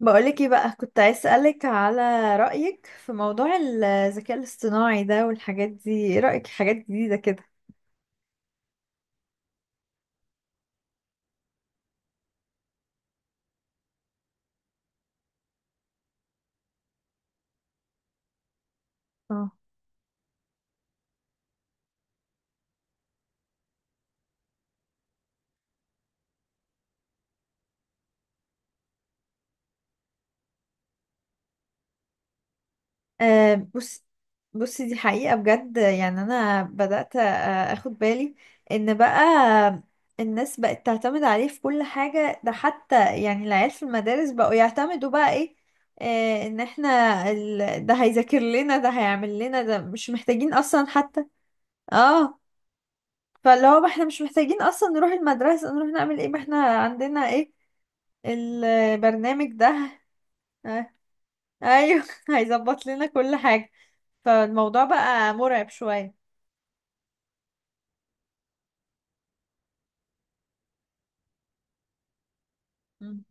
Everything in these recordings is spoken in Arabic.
بقولك ايه بقى، كنت عايز اسألك على رأيك في موضوع الذكاء الاصطناعي ده والحاجات دي. ايه رأيك في حاجات جديدة كده؟ اه. أه، بص. بصي، دي حقيقة بجد. يعني انا بدأت اخد بالي ان بقى الناس بقت تعتمد عليه في كل حاجة. ده حتى يعني العيال في المدارس بقوا يعتمدوا بقى ايه؟ ان احنا ده هيذاكر لنا، ده هيعمل لنا، ده مش محتاجين اصلا حتى. اه، فاللي هو ما احنا مش محتاجين اصلا نروح المدرسة، نروح نعمل ايه، ما احنا عندنا ايه؟ البرنامج ده. آه، ايوه هيظبط لنا كل حاجة. فالموضوع بقى مرعب شوية. مم.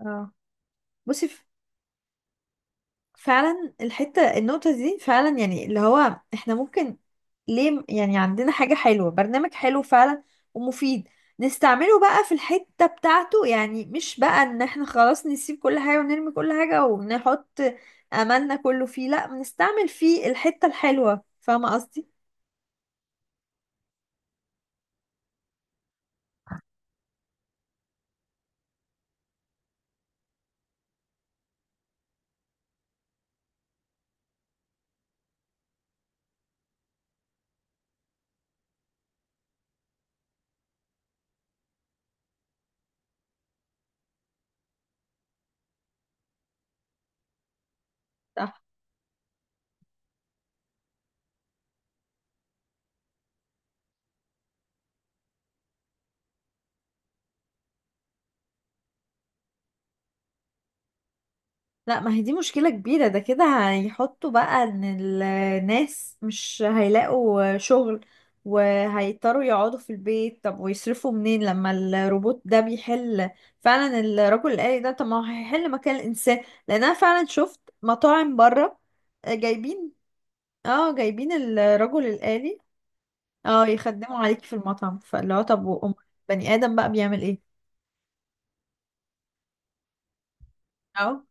اه، بصي. فعلا الحتة النقطة دي فعلا، يعني اللي هو احنا ممكن ليه يعني عندنا حاجة حلوة، برنامج حلو فعلا ومفيد، نستعمله بقى في الحتة بتاعته. يعني مش بقى ان احنا خلاص نسيب كل حاجة ونرمي كل حاجة ونحط املنا كله فيه، لا، بنستعمل فيه الحتة الحلوة. فاهمة قصدي؟ صح. لا، ما هي دي مشكلة كبيرة ده كده. هيحطوا بقى ان الناس مش هيلاقوا شغل، وهيضطروا يقعدوا في البيت. طب ويصرفوا منين لما الروبوت ده بيحل؟ فعلا الرجل الآلي ده. طب ما هو هيحل مكان الإنسان، لأن أنا فعلا شفت مطاعم بره جايبين، اه، جايبين الرجل الآلي. اه يخدموا عليك في المطعم. فاللي هو طب وأم بني آدم بقى بيعمل ايه؟ اه.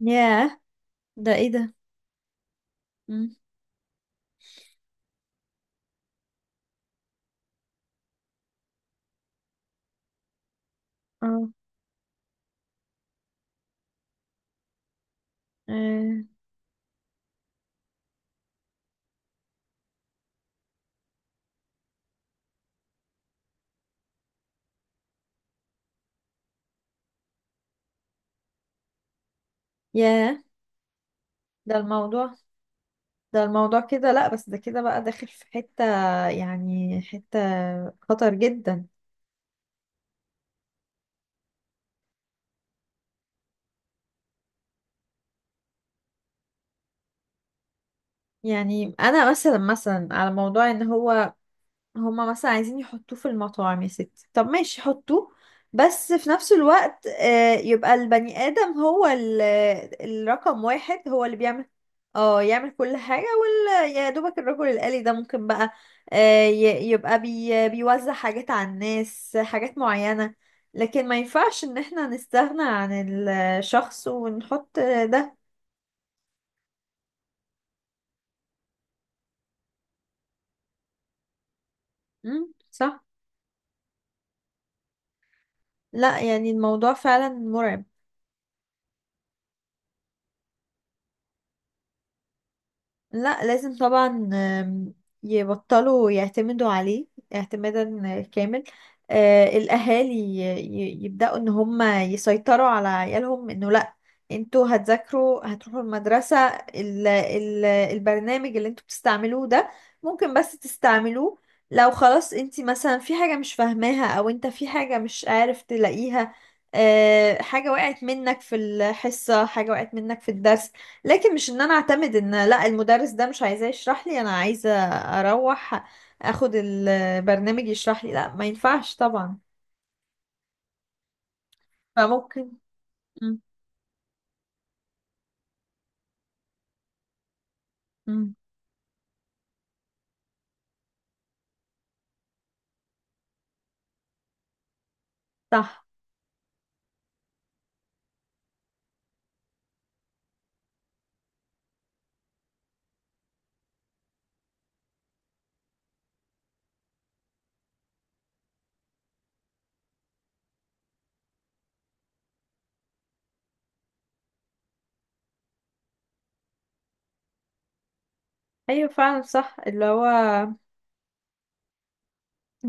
ياه، ده ايه ده؟ مم. اه. آه. ياه. ده الموضوع ده الموضوع كده. لا بس ده كده بقى داخل في حتة، يعني حتة خطر جدا. يعني انا مثلا على موضوع ان هو، هما مثلا عايزين يحطوه في المطاعم يا ستي. طب ماشي حطوه، بس في نفس الوقت، يبقى البني آدم هو الرقم واحد هو اللي بيعمل، اه يعمل كل حاجة. وال يا دوبك الرجل الآلي ده ممكن بقى يبقى بيوزع حاجات على الناس، حاجات معينة. لكن ما ينفعش ان احنا نستغنى عن الشخص ونحط ده. مم، صح. لا، يعني الموضوع فعلا مرعب. لا لازم طبعا. يبطلوا يعتمدوا عليه اعتمادا كامل. الأهالي يبدأوا إن هم يسيطروا على عيالهم، إنه لأ، انتوا هتذاكروا، هتروحوا المدرسة. ال البرنامج اللي انتوا بتستعملوه ده ممكن بس تستعملوه لو خلاص انت مثلا في حاجة مش فاهماها، او انت في حاجة مش عارف تلاقيها، حاجة وقعت منك في الحصة، حاجة وقعت منك في الدرس. لكن مش ان انا اعتمد ان، لا، المدرس ده مش عايزاه يشرح لي، انا عايزه اروح اخد البرنامج يشرح لي. لا، ما ينفعش طبعا. فممكن. مم. مم. صح. ايوه فعلا صح. اللي هو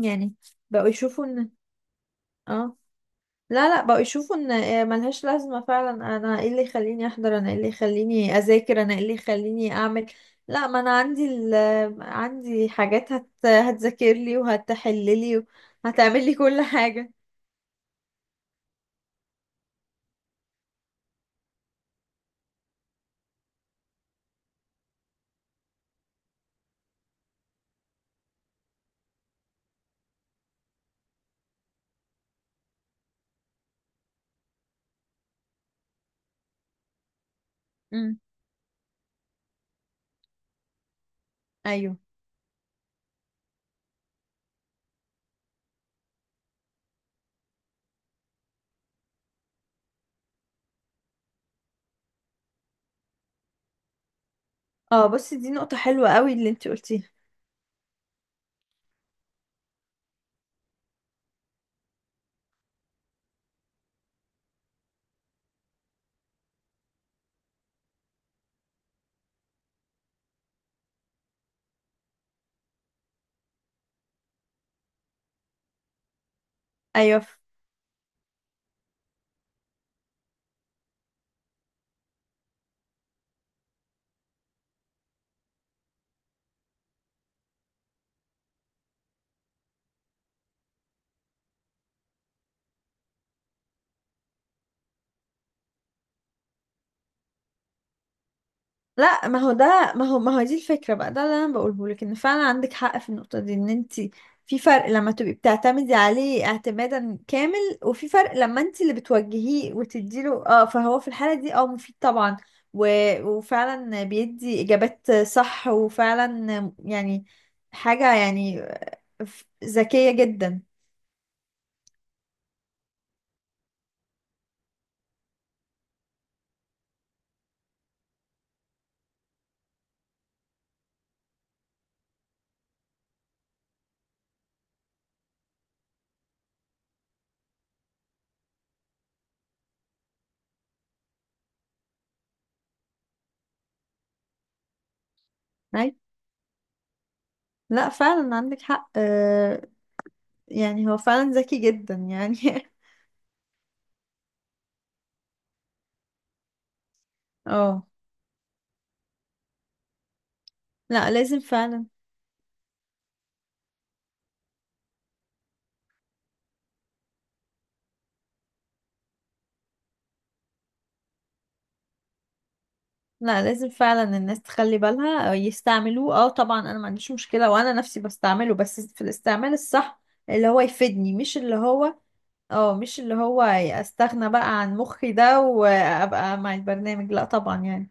يعني بقوا يشوفوا ان، اه لا لا، بقوا يشوفوا ان ملهاش لازمه فعلا. انا ايه اللي يخليني احضر، انا ايه اللي يخليني اذاكر، انا ايه اللي يخليني اعمل؟ لا، ما انا عندي ال... آه، عندي حاجات هتذاكر لي وهتحل لي وهتعمل لي كل حاجه. ايوه. اه، بصي دي نقطة حلوة قوي اللي انتي قلتيها. ايوه لا، ما هو دي الفكرة بقى، ده اللي انا بقوله لك، ان فعلا عندك حق في النقطة دي. ان انتي في فرق لما تبقي بتعتمدي عليه اعتمادا كامل، وفي فرق لما انتي اللي بتوجهيه وتديله فهو في الحالة دي مفيد طبعا. و... وفعلا بيدي اجابات صح، وفعلا يعني حاجة يعني ذكية جدا. أي. لا فعلا عندك حق. يعني هو فعلا ذكي جدا يعني. اه، لا لازم فعلا. لا لازم فعلا الناس تخلي بالها أو يستعملوه. اه طبعا انا ما عنديش مشكلة، وانا نفسي بستعمله، بس في الاستعمال الصح، اللي هو يفيدني، مش اللي هو استغنى بقى عن مخي ده وابقى مع البرنامج. لا طبعا يعني.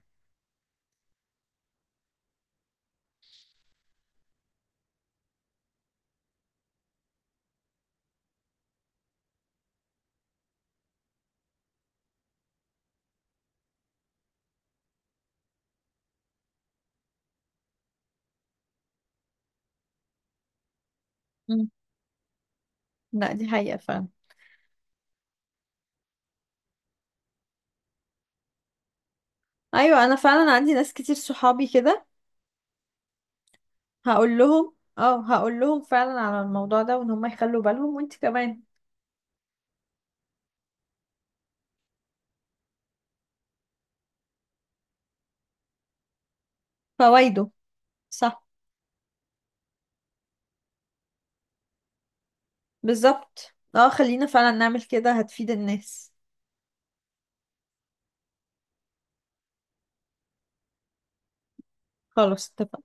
مم. لا دي حقيقة فعلا. ايوه انا فعلا عندي ناس كتير صحابي كده. هقول لهم فعلا على الموضوع ده، وان هم يخلوا بالهم وانت كمان. فوائده. صح، بالظبط. اه خلينا فعلا نعمل كده، هتفيد الناس. خلاص اتفقنا.